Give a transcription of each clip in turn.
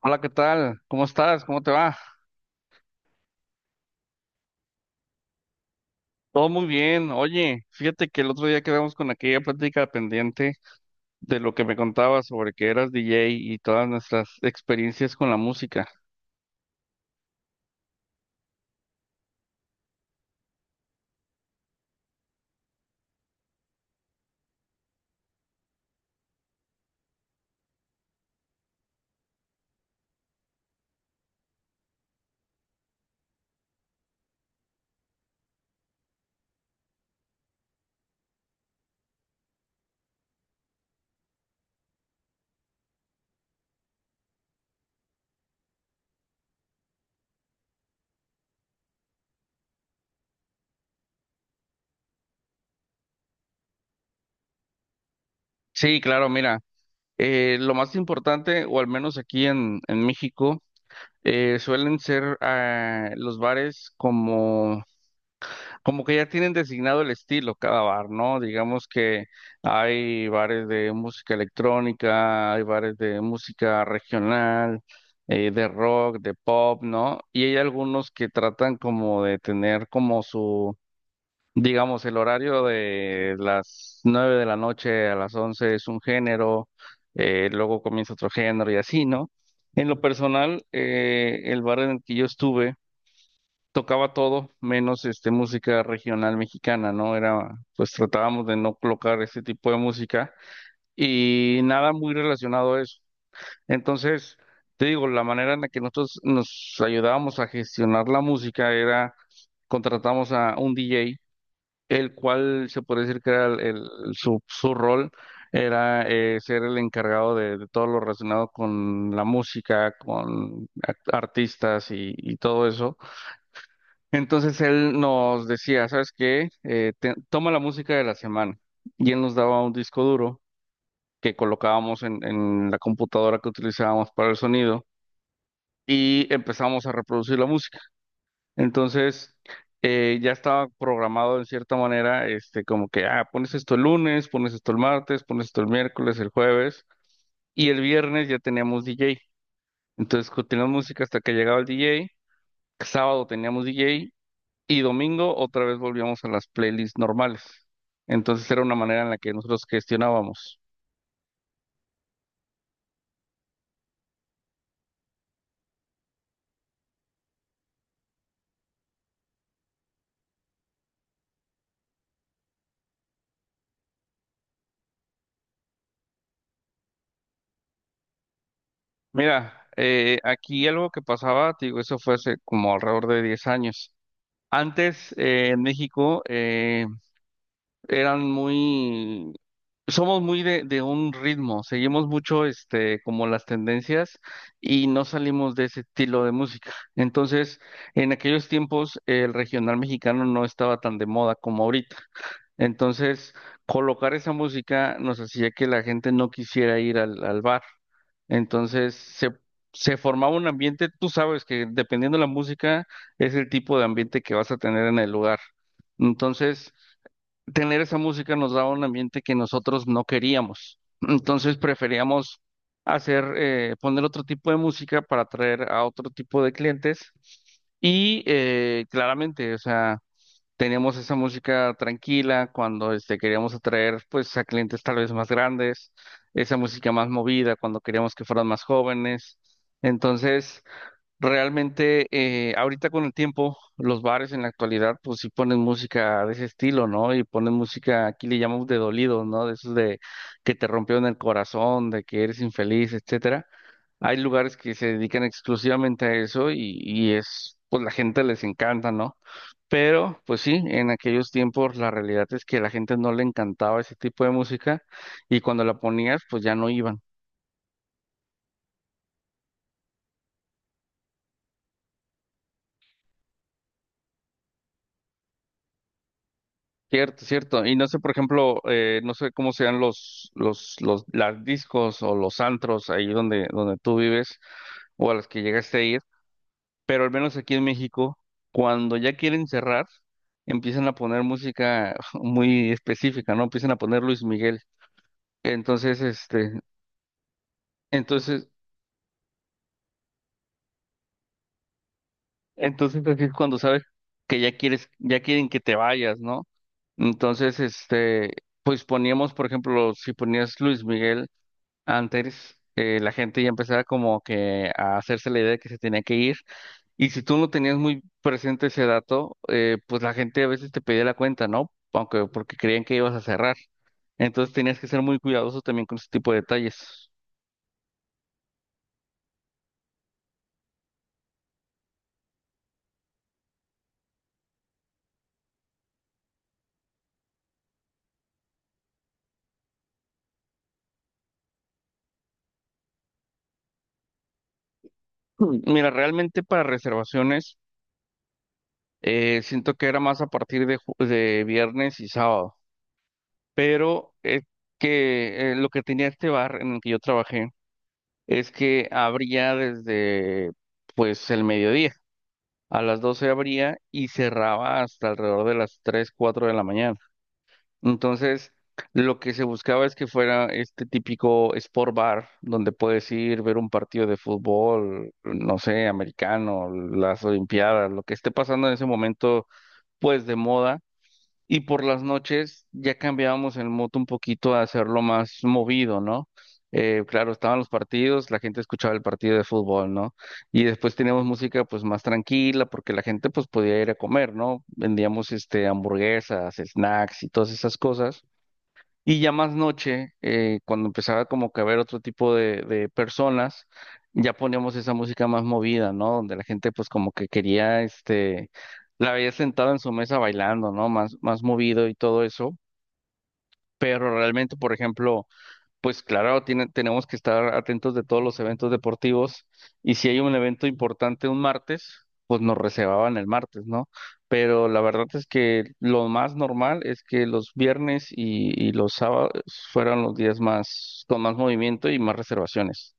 Hola, ¿qué tal? ¿Cómo estás? ¿Cómo te va? Todo muy bien. Oye, fíjate que el otro día quedamos con aquella plática pendiente de lo que me contabas sobre que eras DJ y todas nuestras experiencias con la música. Sí, claro, mira, lo más importante, o al menos aquí en México, suelen ser los bares como como que ya tienen designado el estilo cada bar, ¿no? Digamos que hay bares de música electrónica, hay bares de música regional, de rock, de pop, ¿no? Y hay algunos que tratan como de tener como su, digamos, el horario de las 9 de la noche a las 11 es un género, luego comienza otro género y así, ¿no? En lo personal, el bar en el que yo estuve tocaba todo, menos este música regional mexicana, ¿no? Era, pues tratábamos de no colocar ese tipo de música y nada muy relacionado a eso. Entonces, te digo, la manera en la que nosotros nos ayudábamos a gestionar la música era contratamos a un DJ, el cual se puede decir que era su, su rol era ser el encargado de todo lo relacionado con la música, con artistas y todo eso. Entonces él nos decía, ¿sabes qué? Toma la música de la semana. Y él nos daba un disco duro que colocábamos en la computadora que utilizábamos para el sonido y empezábamos a reproducir la música. Entonces ya estaba programado en cierta manera, este, como que, ah, pones esto el lunes, pones esto el martes, pones esto el miércoles, el jueves y el viernes ya teníamos DJ. Entonces continuamos música hasta que llegaba el DJ. Sábado teníamos DJ. Y domingo otra vez volvíamos a las playlists normales. Entonces era una manera en la que nosotros gestionábamos. Mira, aquí algo que pasaba, te digo, eso fue hace como alrededor de 10 años. Antes en México eran muy, somos muy de un ritmo, seguimos mucho este, como las tendencias y no salimos de ese estilo de música. Entonces, en aquellos tiempos el regional mexicano no estaba tan de moda como ahorita. Entonces, colocar esa música nos hacía que la gente no quisiera ir al, al bar. Entonces, se formaba un ambiente, tú sabes que dependiendo de la música es el tipo de ambiente que vas a tener en el lugar. Entonces, tener esa música nos daba un ambiente que nosotros no queríamos. Entonces, preferíamos hacer, poner otro tipo de música para atraer a otro tipo de clientes. Y claramente, o sea... Teníamos esa música tranquila cuando este, queríamos atraer pues a clientes tal vez más grandes, esa música más movida cuando queríamos que fueran más jóvenes. Entonces, realmente ahorita con el tiempo, los bares en la actualidad pues sí ponen música de ese estilo, ¿no? Y ponen música, aquí le llamamos de dolido, ¿no? De esos de que te rompió en el corazón, de que eres infeliz, etcétera. Hay lugares que se dedican exclusivamente a eso y es, pues la gente les encanta, ¿no? Pero, pues sí, en aquellos tiempos la realidad es que la gente no le encantaba ese tipo de música y cuando la ponías, pues ya no iban. Cierto, cierto. Y no sé, por ejemplo, no sé cómo sean las discos o los antros ahí donde, donde tú vives o a los que llegaste a ir. Pero al menos aquí en México, cuando ya quieren cerrar, empiezan a poner música muy específica, ¿no? Empiezan a poner Luis Miguel. Entonces, este, entonces, entonces así es cuando sabes que ya quieres, ya quieren que te vayas, ¿no? Entonces, este, pues poníamos, por ejemplo, si ponías Luis Miguel. Antes la gente ya empezaba como que a hacerse la idea de que se tenía que ir y si tú no tenías muy presente ese dato, pues la gente a veces te pedía la cuenta, ¿no? Aunque porque creían que ibas a cerrar. Entonces tenías que ser muy cuidadoso también con ese tipo de detalles. Mm. Mira, realmente para reservaciones siento que era más a partir de, de viernes y sábado, pero es que lo que tenía este bar en el que yo trabajé es que abría desde pues el mediodía. A las 12 abría y cerraba hasta alrededor de las 3 4 de la mañana. Entonces, lo que se buscaba es que fuera este típico sport bar donde puedes ir, ver un partido de fútbol, no sé, americano, las olimpiadas, lo que esté pasando en ese momento, pues de moda y por las noches ya cambiábamos el mood un poquito a hacerlo más movido, ¿no? Claro, estaban los partidos, la gente escuchaba el partido de fútbol, ¿no? Y después teníamos música pues más tranquila porque la gente pues podía ir a comer, ¿no? Vendíamos este hamburguesas, snacks y todas esas cosas. Y ya más noche, cuando empezaba como que a ver otro tipo de personas, ya poníamos esa música más movida, ¿no? Donde la gente pues como que quería, este, la veía sentada en su mesa bailando, ¿no? Más, más movido y todo eso. Pero realmente, por ejemplo, pues claro, tenemos que estar atentos de todos los eventos deportivos y si hay un evento importante un martes, pues nos reservaban el martes, ¿no? Pero la verdad es que lo más normal es que los viernes y los sábados fueran los días más con más movimiento y más reservaciones.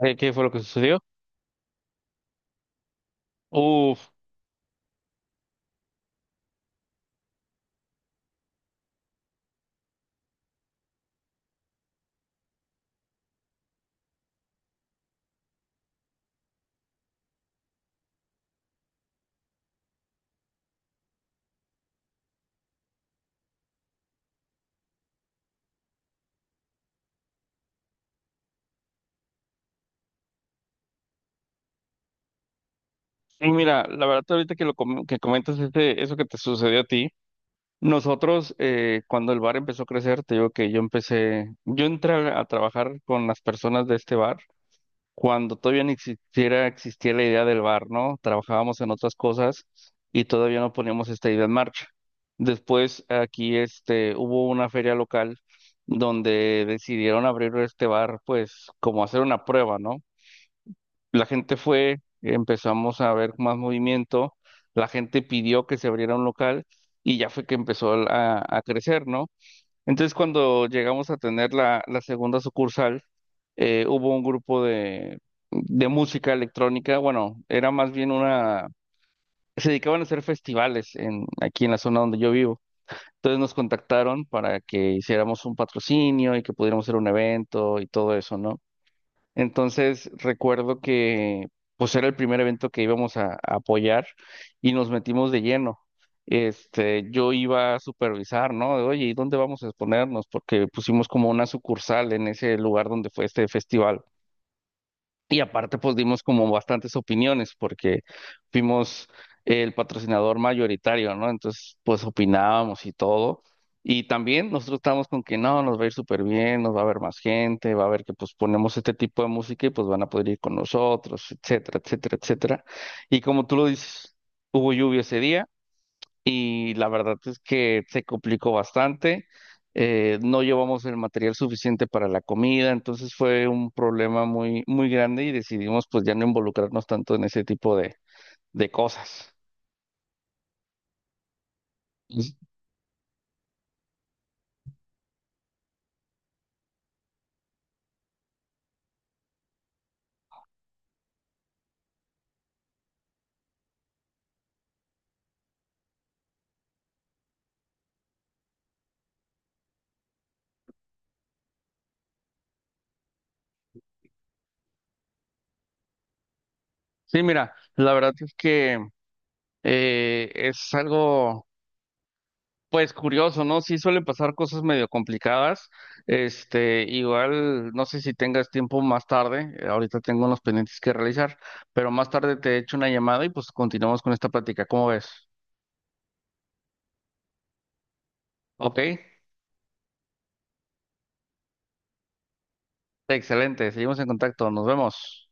¿Qué fue lo que sucedió? Uf, y mira, la verdad ahorita que lo que comentas este, eso que te sucedió a ti. Nosotros, cuando el bar empezó a crecer, te digo que yo empecé, yo entré a trabajar con las personas de este bar cuando todavía ni existiera, existía la idea del bar, ¿no? Trabajábamos en otras cosas y todavía no poníamos esta idea en marcha. Después aquí este, hubo una feria local donde decidieron abrir este bar, pues como hacer una prueba, ¿no? La gente fue, empezamos a ver más movimiento, la gente pidió que se abriera un local y ya fue que empezó a crecer, ¿no? Entonces cuando llegamos a tener la, la segunda sucursal, hubo un grupo de música electrónica, bueno, era más bien una, se dedicaban a hacer festivales en, aquí en la zona donde yo vivo. Entonces nos contactaron para que hiciéramos un patrocinio y que pudiéramos hacer un evento y todo eso, ¿no? Entonces recuerdo que pues era el primer evento que íbamos a apoyar y nos metimos de lleno. Este, yo iba a supervisar, ¿no? De, oye, ¿y dónde vamos a exponernos? Porque pusimos como una sucursal en ese lugar donde fue este festival. Y aparte, pues dimos como bastantes opiniones porque fuimos el patrocinador mayoritario, ¿no? Entonces, pues opinábamos y todo. Y también nosotros estábamos con que no, nos va a ir súper bien, nos va a ver más gente, va a ver que pues ponemos este tipo de música y pues van a poder ir con nosotros, etcétera, etcétera, etcétera. Y como tú lo dices, hubo lluvia ese día y la verdad es que se complicó bastante. No llevamos el material suficiente para la comida, entonces fue un problema muy, muy grande y decidimos pues ya no involucrarnos tanto en ese tipo de cosas. Sí, mira, la verdad es que es algo pues curioso, ¿no? Sí suelen pasar cosas medio complicadas. Este, igual, no sé si tengas tiempo más tarde. Ahorita tengo unos pendientes que realizar, pero más tarde te echo una llamada y pues continuamos con esta plática. ¿Cómo ves? Ok, excelente. Seguimos en contacto. Nos vemos.